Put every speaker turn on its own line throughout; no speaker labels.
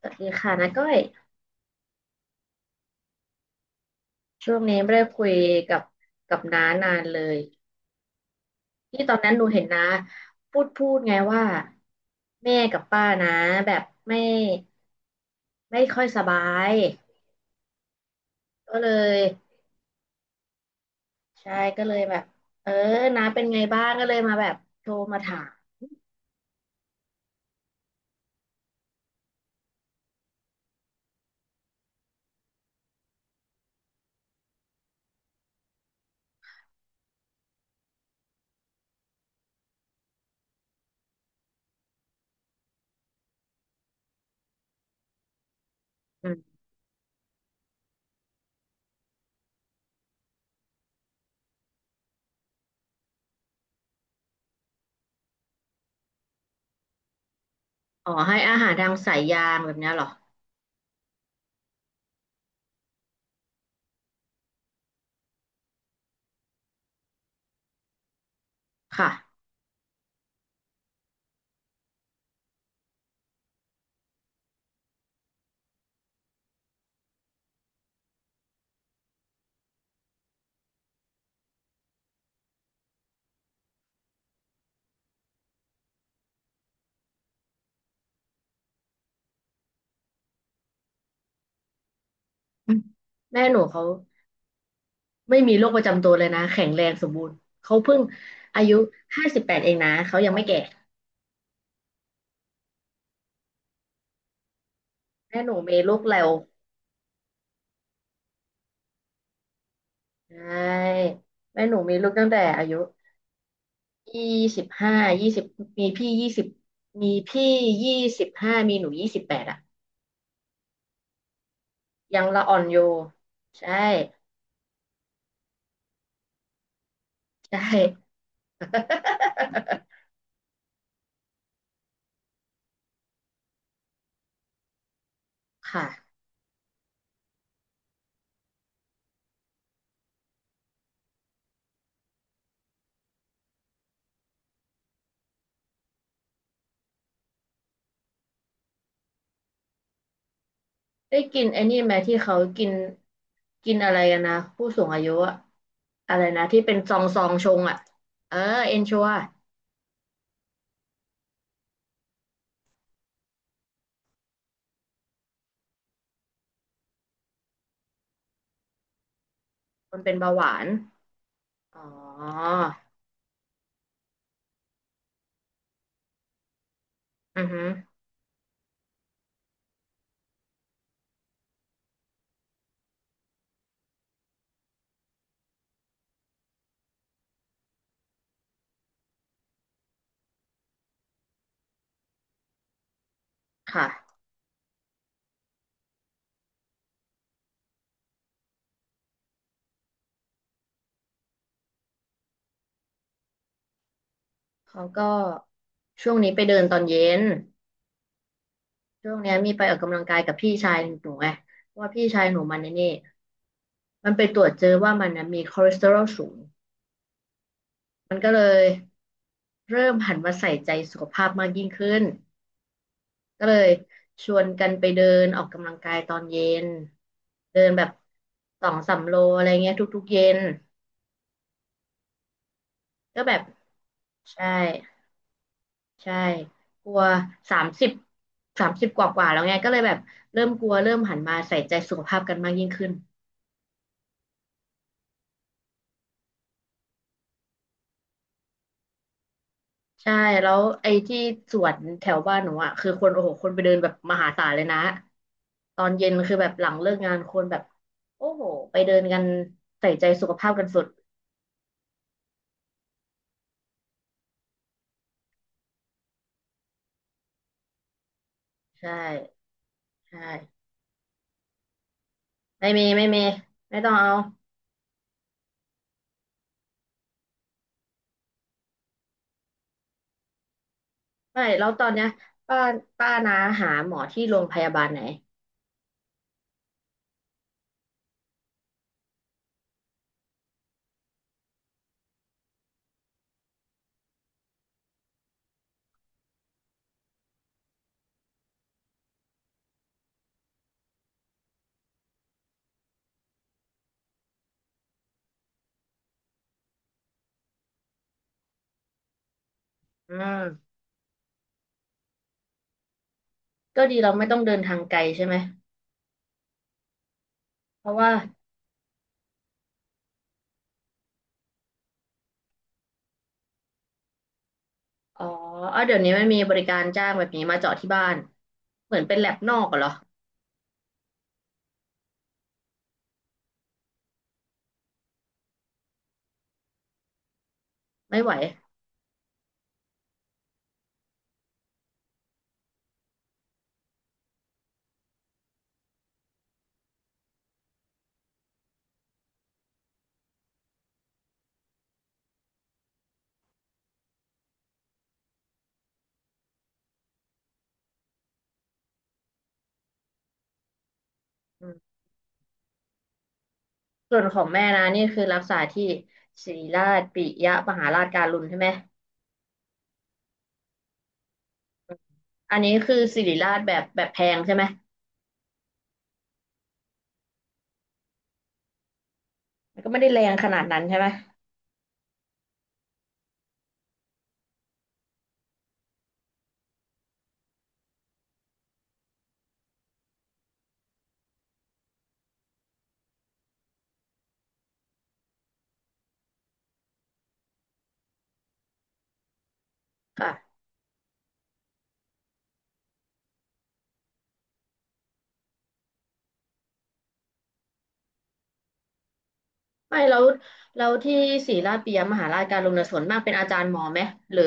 สวัสดีค่ะน้าก้อยช่วงนี้ไม่ได้คุยกับกับน้านานเลยที่ตอนนั้นหนูเห็นน้าพูดไงว่าแม่กับป้านะแบบไม่ไม่ค่อยสบายก็เลยใช่ก็เลยแบบเออน้าเป็นไงบ้างก็เลยมาแบบโทรมาถามอืมอ๋อให้อาหารทางสายยางแบบเนี้ยเหรอค่ะอืมแม่หนูเขาไม่มีโรคประจำตัวเลยนะแข็งแรงสมบูรณ์เขาเพิ่งอายุ58เองนะเขายังไม่แก่ แม่หนูมีลูกเร็วใช่แม่หนูมีลูกตั้งแต่อายุยี่สิบห้ายี่สิบมีพี่ยี่สิบมีพี่ยี่สิบห้ามีหนู28อะยังละอ่อนอยู่ใช่ใช่ค่ะได้กินไอ้นี่ไหมที่เขากินกินอะไรกันนะผู้สูงอายุอะอะไรนะที่เป็นซองชงอะเออเอนชัวมันเป็นเบาหวานอ๋ออือฮึค่ะเขาก็ช่วงนี้ไปเดินตอนเย็น ช่วงเนี้ยมีไปออกกำลังกายกับพี่ชายหนูไงเพราะว่าพี่ชายหนูมันในนี่มันไปตรวจเจอว่ามันนะมีคอเลสเตอรอลสูงมันก็เลยเริ่มหันมาใส่ใจสุขภาพมากยิ่งขึ้นก็เลยชวนกันไปเดินออกกำลังกายตอนเย็นเดินแบบสองสามโลอะไรเงี้ยทุกๆเย็นก็แบบใช่ใช่กลัวสามสิบสามสิบกว่ากว่าๆแล้วไงก็เลยแบบเริ่มกลัวเริ่มหันมาใส่ใจสุขภาพกันมากยิ่งขึ้น ใช่แล้วไอ้ที่สวนแถวบ้านหนูอ่ะคือคนโอ้โหคนไปเดินแบบมหาศาลเลยนะตอนเย็นคือแบบหลังเลิกงานคนแบบโอ้โหไปเดินกันใส่ใจสุขภาพกันสุดใช่ใช่ไม่มีไม่มีไม่ต้องเอาไม่แล้วตอนเนี้ยป้าป้านาหาหมอที่โรงพยาบาลไหนอืมก็ดีเราไม่ต้องเดินทางไกลใช่ไหมเพราะว่าอ๋อเอาเดี๋ยวนี้ไม่มีบริการจ้างแบบนี้มาเจาะที่บ้านเหมือนเป็นแลบนอกอะเหรอไม่ไหว ส่วนของแม่นะนี่คือรักษาที่ศิริราชปิยมหาราชการุณใช่ไหมอันนี้คือศิริราชแบบแบบแพงใช่ไหมมันก็ไม่ได้แรงขนาดนั้นใช่ไหมค่ะไม่แล้วแล้วที่ศิริราชปิยมหาราชการุณน่ะส่วนมากเป็นอาจารย์หมอไหมหรือ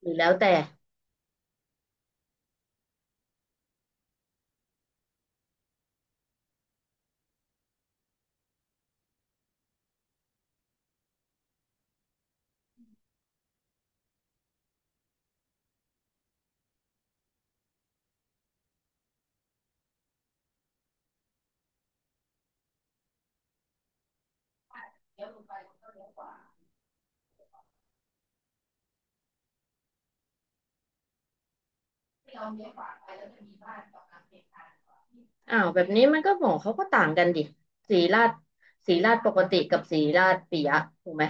หรือแล้วแต่อ้าวแบบนี้มันก็หมอเขาก็ต่างกันดิศิริราชศิริราชปกติกับศิริราชปิยะถูกไหม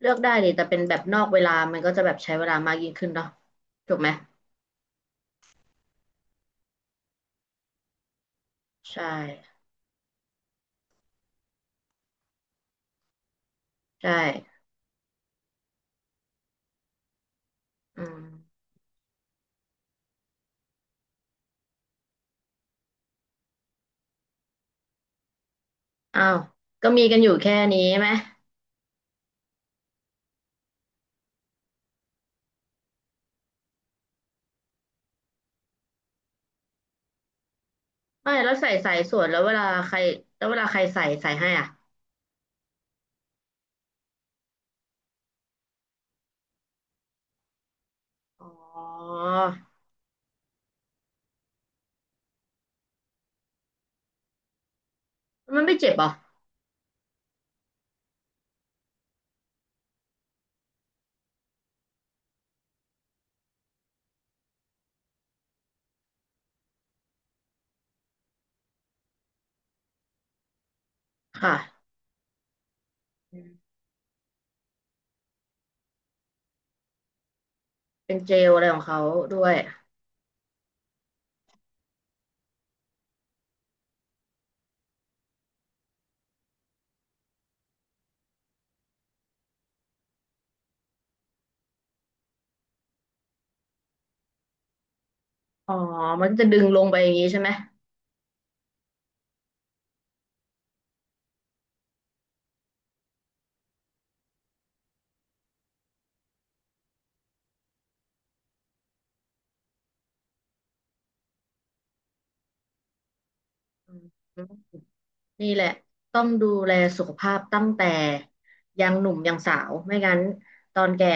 เลือกได้ดิแต่เป็นแบบนอกเวลามันก็จะแบบใช้เวลามากยิ่งขึ้นเนาะถูกไหมใช่ใช่อืม อ้าว ก็มีกันอยู่แค่นี้ไหมไม่แล้วใส่สายสวนแล้วเวลาใครแล้วเวลาใครใส่ใส่ให้อ่ะอ๋อ มันไม่เจ็บเหรอค่ะอืมเป็นเจลอะไรของเขาด้วยอ๋อ มันจะดึงลงไปอย่างนี้ใช่ไหมอืมนี่แหละต้องดูแลสุขภาพตั้งแต่ยังหนุ่มยังสาวไม่งั้นตอนแก่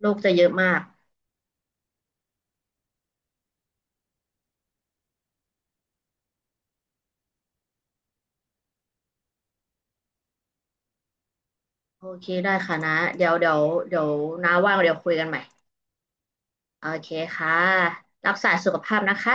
โรคจะเยอะมากโอเคได้ค่ะนะเดี๋ยวเดี๋ยวเดี๋ยวน้าว่างเดี๋ยวคุยกันใหม่โอเคค่ะรักษาสุขภาพนะคะ